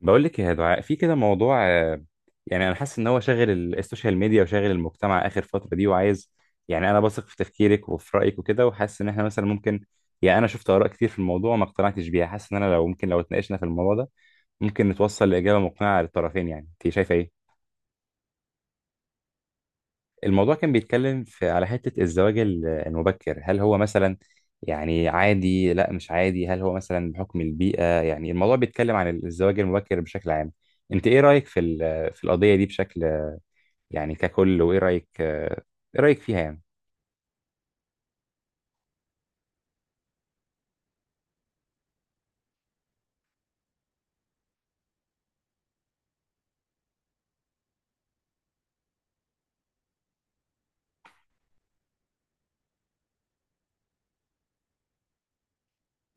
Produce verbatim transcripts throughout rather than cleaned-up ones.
بقول لك يا دعاء، في كده موضوع، آه، يعني انا حاسس ان هو شاغل ال- السوشيال ميديا وشاغل المجتمع اخر فتره دي وعايز. يعني انا بثق في تفكيرك وفي رايك وكده، وحاسس ان احنا مثلا ممكن. يعني انا شفت اراء كتير في الموضوع ما اقتنعتش بيها، حاسس ان انا لو ممكن لو اتناقشنا في الموضوع ده ممكن نتوصل لاجابه مقنعه للطرفين. يعني انت شايفه ايه؟ الموضوع كان بيتكلم في على حتة الزواج ال- المبكر، هل هو مثلا يعني عادي، لا مش عادي؟ هل هو مثلا بحكم البيئة؟ يعني الموضوع بيتكلم عن الزواج المبكر بشكل عام. انت ايه رأيك في ال- في القضية دي بشكل يعني ككل؟ وايه رأيك؟ ايه رأيك فيها يعني؟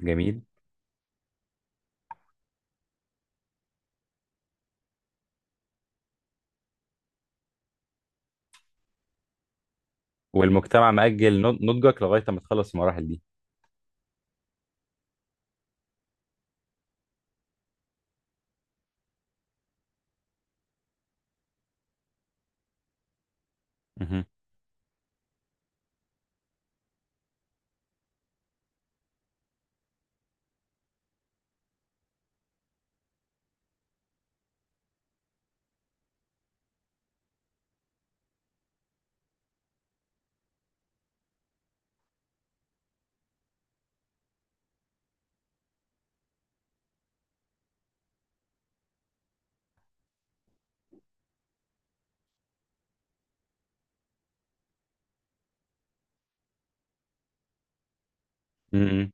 جميل. والمجتمع مأجل نض- نضجك لغاية ما تخلص المراحل دي. مهم. مهم.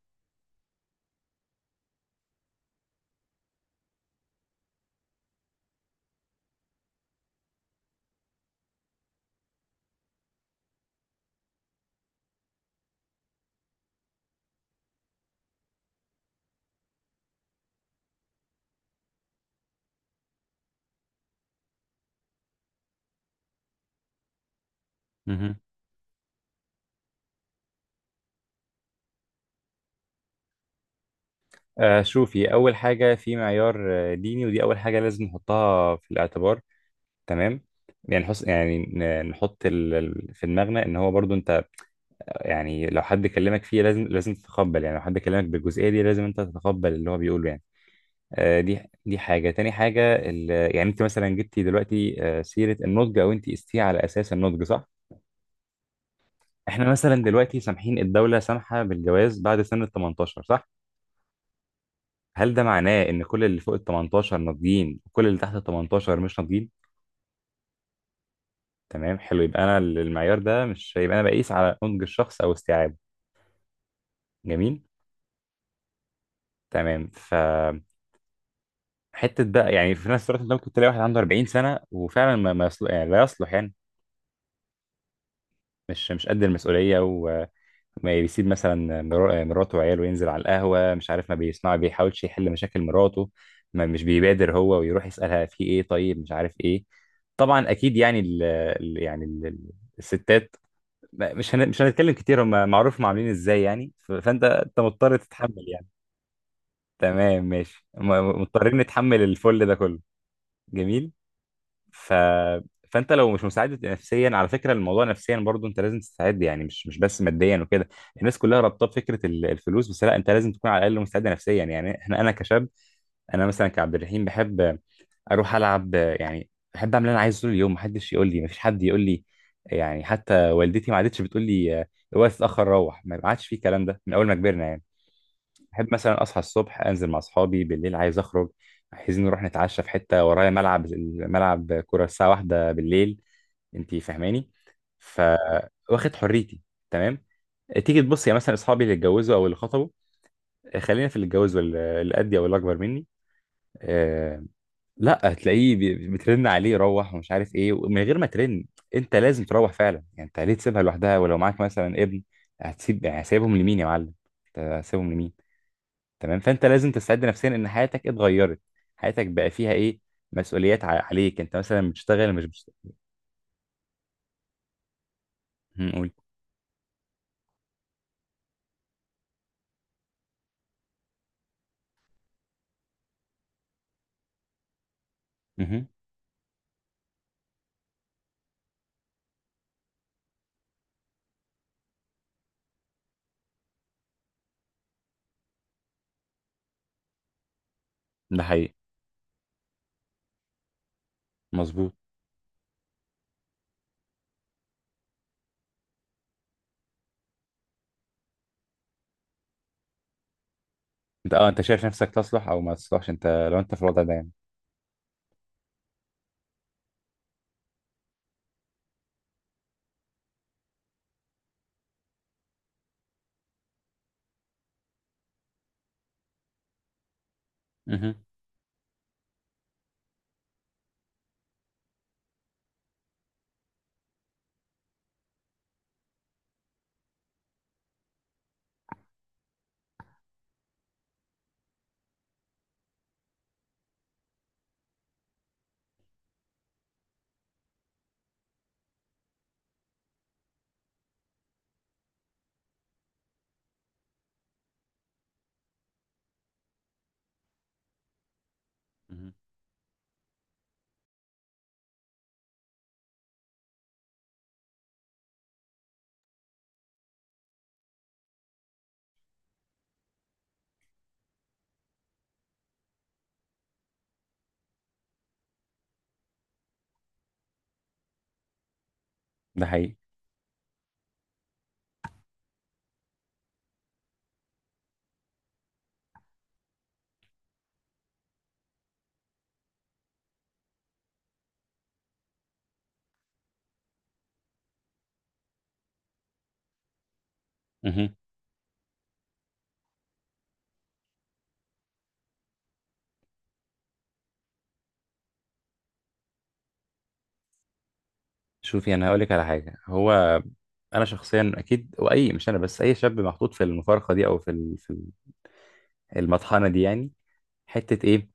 مهم. آه، شوفي، أول حاجة في معيار آه، ديني، ودي أول حاجة لازم نحطها في الاعتبار، تمام. يعني نحس يعني ن- نحط ال... ال- في دماغنا ان هو برضو انت يعني لو حد كلمك فيه لازم لازم تتقبل، يعني لو حد كلمك بالجزئيه دي لازم انت تتقبل اللي هو بيقوله يعني. آه دي، دي حاجه. تاني حاجه ال... يعني انت مثلا جبتي دلوقتي آه سيره النضج، او انت قستيه على اساس النضج، صح؟ احنا مثلا دلوقتي سامحين، الدوله سامحه بالجواز بعد سن ال تمنتاشر، صح؟ هل ده معناه ان كل اللي فوق ال تمنتاشر ناضجين وكل اللي تحت ال تمنتاشر مش ناضجين؟ تمام، حلو. يبقى انا المعيار ده مش، يبقى انا بقيس على نضج الشخص او استيعابه. جميل، تمام. فحته بقى يعني في نفس الوقت انت ممكن تلاقي واحد عنده اربعين سنه وفعلا ما, ما يصل... يعني لا يصلح يعني، مش مش قد المسؤوليه. وما بيسيب مثلا مرا- مراته وعياله وينزل على القهوه، مش عارف، ما بيسمع، ما بيحاولش يحل مشاكل مراته، ما مش بيبادر هو ويروح يسالها في ايه، طيب مش عارف ايه. طبعا اكيد يعني ال... ال- يعني ال... ال- الستات، ما- مش هن... مش هنتكلم كتير، هم معروف هم عاملين ازاي يعني. ف... فانت انت مضطر تتحمل يعني. تمام ماشي، م- مضطرين نتحمل الفل ده كله. جميل. ف... فانت لو مش مستعد نفسيا، على فكره الموضوع نفسيا برضو انت لازم تستعد يعني، مش مش بس ماديا وكده. الناس كلها رابطه بفكره ال- الفلوس بس، لا انت لازم تكون على الاقل مستعد نفسيا. يعني احنا انا كشاب، انا مثلا كعبد الرحيم بحب اروح العب يعني. بحب اعمل اللي انا عايزه طول اليوم، محدش يقول لي، مفيش حد يقول لي. يعني حتى والدتي ما عادتش بتقول لي آه، الوقت اتاخر روح، ما عادش في الكلام ده من اول ما كبرنا يعني. بحب مثلا اصحى الصبح، انزل مع اصحابي بالليل، عايز اخرج، عايزين نروح نتعشى في حته، ورايا ملعب، ملعب كوره الساعه واحدة بالليل. انتي فاهماني؟ ف واخد حريتي، تمام. تيجي تبص يا مثلا اصحابي اللي اتجوزوا او اللي خطبوا، آه، خلينا في اللي اتجوز، واللي اللي قدي او اللي اكبر مني. آه... لا، هتلاقيه بي- بترن عليه روح ومش عارف ايه، ومن غير ما ترن انت لازم تروح فعلا يعني. انت ليه تسيبها لوحدها؟ ولو معاك مثلا ابن، هتسيب يعني، هسيبهم لمين يا معلم؟ هتسيبهم لمين؟ تمام. فانت لازم تستعد نفسيا ان حياتك اتغيرت. حياتك بقى فيها ايه؟ مسؤوليات ع- عليك، انت مثلا بتشتغل مش بتشتغل. مهم، قول. مهم. ده حقيقي، مظبوط. انت اه، انت شايف نفسك تصلح او ما تصلحش، انت لو انت في الوضع ده يعني. مهم. مهم. ده حقيقي. مهم. شوفي، انا هقول لك على حاجه. هو انا شخصيا اكيد، واي مش انا بس، اي شاب محطوط في المفارقه دي، او في ال- في المطحنه دي يعني. حته ايه؟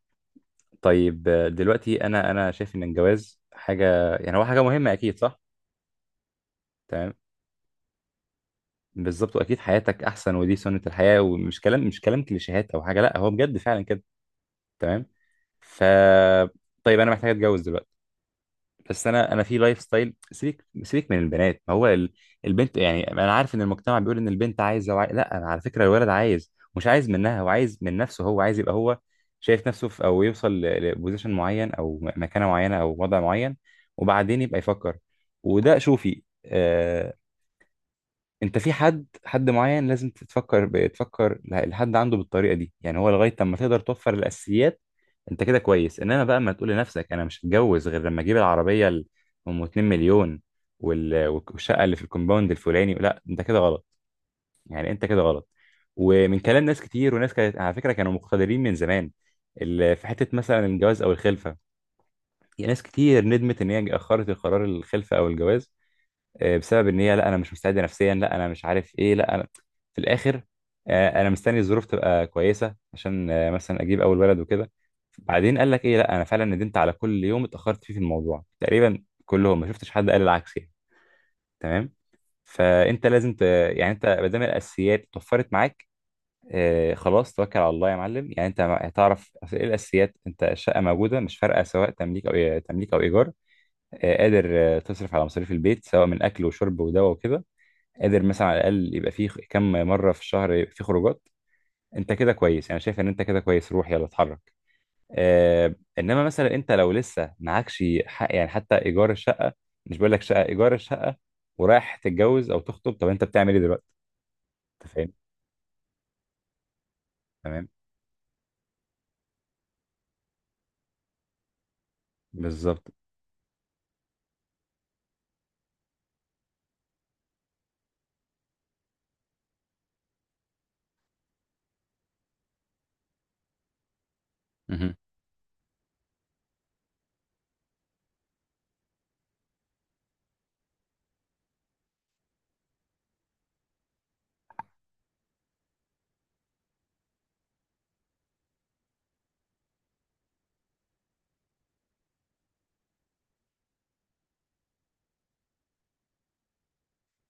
طيب آه، دلوقتي انا انا شايف ان الجواز حاجه، يعني هو حاجه مهمه، اكيد صح. تمام. بالظبط، واكيد حياتك احسن، ودي سنة الحياة، ومش كلام، مش كلام كليشيهات او حاجة، لا هو بجد فعلا كده. تمام. ف طيب انا محتاج اتجوز دلوقتي، بس انا انا في لايف ستايل. سيبك سيبك من البنات، ما هو ال... البنت يعني، انا عارف ان المجتمع بيقول ان البنت عايزه وعاي... لا، انا على فكرة الولد عايز مش عايز منها، هو عايز من نفسه، هو عايز يبقى هو شايف نفسه في، او يوصل لبوزيشن معين، او م- مكانة معينة او وضع معين، وبعدين يبقى يفكر. وده شوفي آه، انت في حد حد معين لازم تفكر، بتفكر ل- لحد عنده بالطريقه دي يعني. هو لغايه لما تقدر توفر الاساسيات انت كده كويس. انما بقى ما تقول لنفسك انا مش هتجوز غير لما اجيب العربيه ال- ام 2 مليون وال- والشقه اللي في الكومباوند الفلاني، لا انت كده غلط يعني، انت كده غلط. ومن كلام ناس كتير، وناس كانت على فكره كانوا مقتدرين من زمان، ال- في حته مثلا الجواز او الخلفه. يعني ناس كتير ندمت ان هي اخرت القرار الخلفه او الجواز، آه، بسبب ان هي لا انا مش مستعده نفسيا، لا انا مش عارف ايه، لا انا في الاخر آه، انا مستني الظروف تبقى كويسه عشان آه، مثلا اجيب اول ولد وكده. بعدين قال لك ايه؟ لا انا فعلا ندمت على كل يوم اتاخرت فيه في الموضوع. تقريبا كلهم، ما شفتش حد قال العكس يعني. تمام. فانت لازم ت... يعني انت ما دام الاساسيات اتوفرت معاك، آه خلاص توكل على الله يا معلم يعني. انت هتعرف أصل ايه الاساسيات. انت الشقه موجوده، مش فارقه سواء تمليك او تمليك او ايجار، آه. قادر آه تصرف على مصاريف البيت سواء من اكل وشرب ودواء وكده. قادر مثلا على الاقل يبقى فيه كم مره في الشهر يبقى فيه خروجات، انت كده كويس. يعني شايف ان انت كده كويس، روح يلا اتحرك. آه انما مثلا انت لو لسه معكش حق يعني حتى ايجار الشقه، مش بقول لك شقه، ايجار الشقه، ورايح تتجوز او تخطب، طب انت بتعمل ايه دلوقتي؟ انت فاهم؟ تمام، بالظبط. مهم.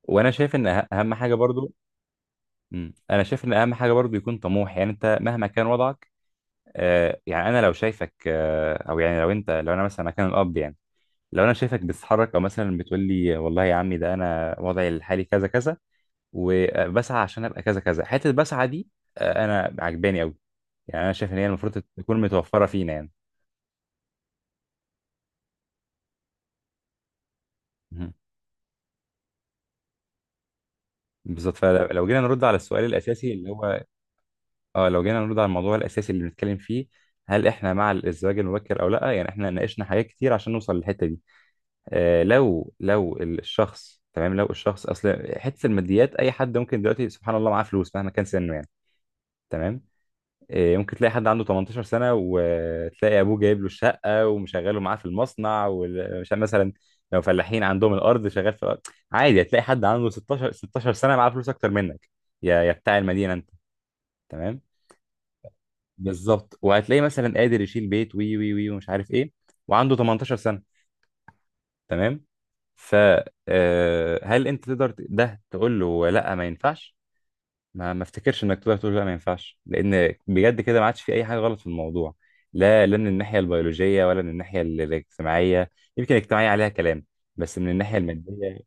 وانا شايف ان أه- اهم حاجه برضو. مم. انا شايف ان اهم حاجه برضو يكون طموح. يعني انت مهما كان وضعك، آه يعني انا لو شايفك آه، او يعني لو انت، لو انا مثلا مكان الاب يعني، لو انا شايفك بتتحرك، او مثلا بتقول لي والله يا عمي ده انا وضعي الحالي كذا كذا، وبسعى عشان ابقى كذا كذا، حته بسعى دي آه، انا عجباني قوي. يعني انا شايف ان هي المفروض تكون متوفره فينا يعني. مهم. بالظبط. فلو جينا نرد على السؤال الاساسي اللي هو، اه لو جينا نرد على الموضوع الاساسي اللي بنتكلم فيه، هل احنا مع الزواج المبكر او لا؟ يعني احنا ناقشنا حاجات كتير عشان نوصل للحته دي. آه لو لو الشخص تمام، لو الشخص اصل حته الماديات، اي حد ممكن دلوقتي سبحان الله معاه فلوس مهما كان سنه يعني. تمام. إيه، ممكن تلاقي حد عنده تمنتاشر سنة وتلاقي أبوه جايب له الشقة ومشغله معاه في المصنع، ومش مثلا لو فلاحين عندهم الأرض شغال في الأرض. عادي، هتلاقي حد عنده ستاشر ستاشر سنة معاه فلوس أكتر منك، يا يا بتاع المدينة أنت. تمام. بالظبط. وهتلاقي مثلا قادر يشيل بيت وي وي وي ومش عارف إيه، وعنده تمنتاشر سنة، تمام. ف آه، هل أنت تقدر ت- ده تقول له لأ ما ينفعش؟ ما ما افتكرش انك تقدر تقول لا ما ينفعش، لان بجد كده ما عادش في اي حاجه غلط في الموضوع، لا لا من الناحيه البيولوجيه، ولا من الناحيه ال- الاجتماعيه. يمكن الاجتماعيه عليها كلام، بس من الناحيه الماديه.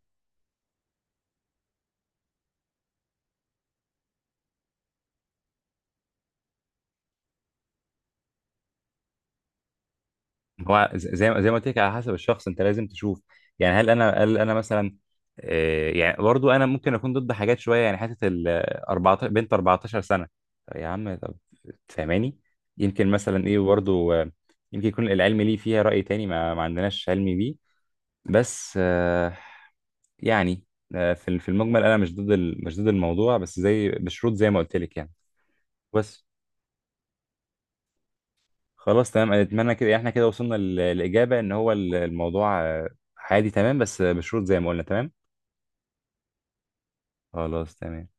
هو ز- زي ما- زي ما قلت لك، على حسب الشخص، انت لازم تشوف يعني. هل انا هل انا مثلا آه، يعني برضو انا ممكن اكون ضد حاجات شويه يعني. حته ال أربعة عشر، بنت أربعة عشر سنه، طب يا عم طب. فاهماني؟ يمكن مثلا ايه برضو، آه، يمكن يكون العلم ليه فيها راي تاني ما, ما عندناش علم بيه، بس آه، يعني آه، في ال- في المجمل انا مش ضد ال- مش ضد الموضوع، بس زي بشروط زي ما قلت لك يعني. بس خلاص تمام. اتمنى كده احنا كده وصلنا للاجابه ان هو ال- الموضوع آه، عادي تمام، بس بشروط زي ما قلنا. تمام، خلاص تمام.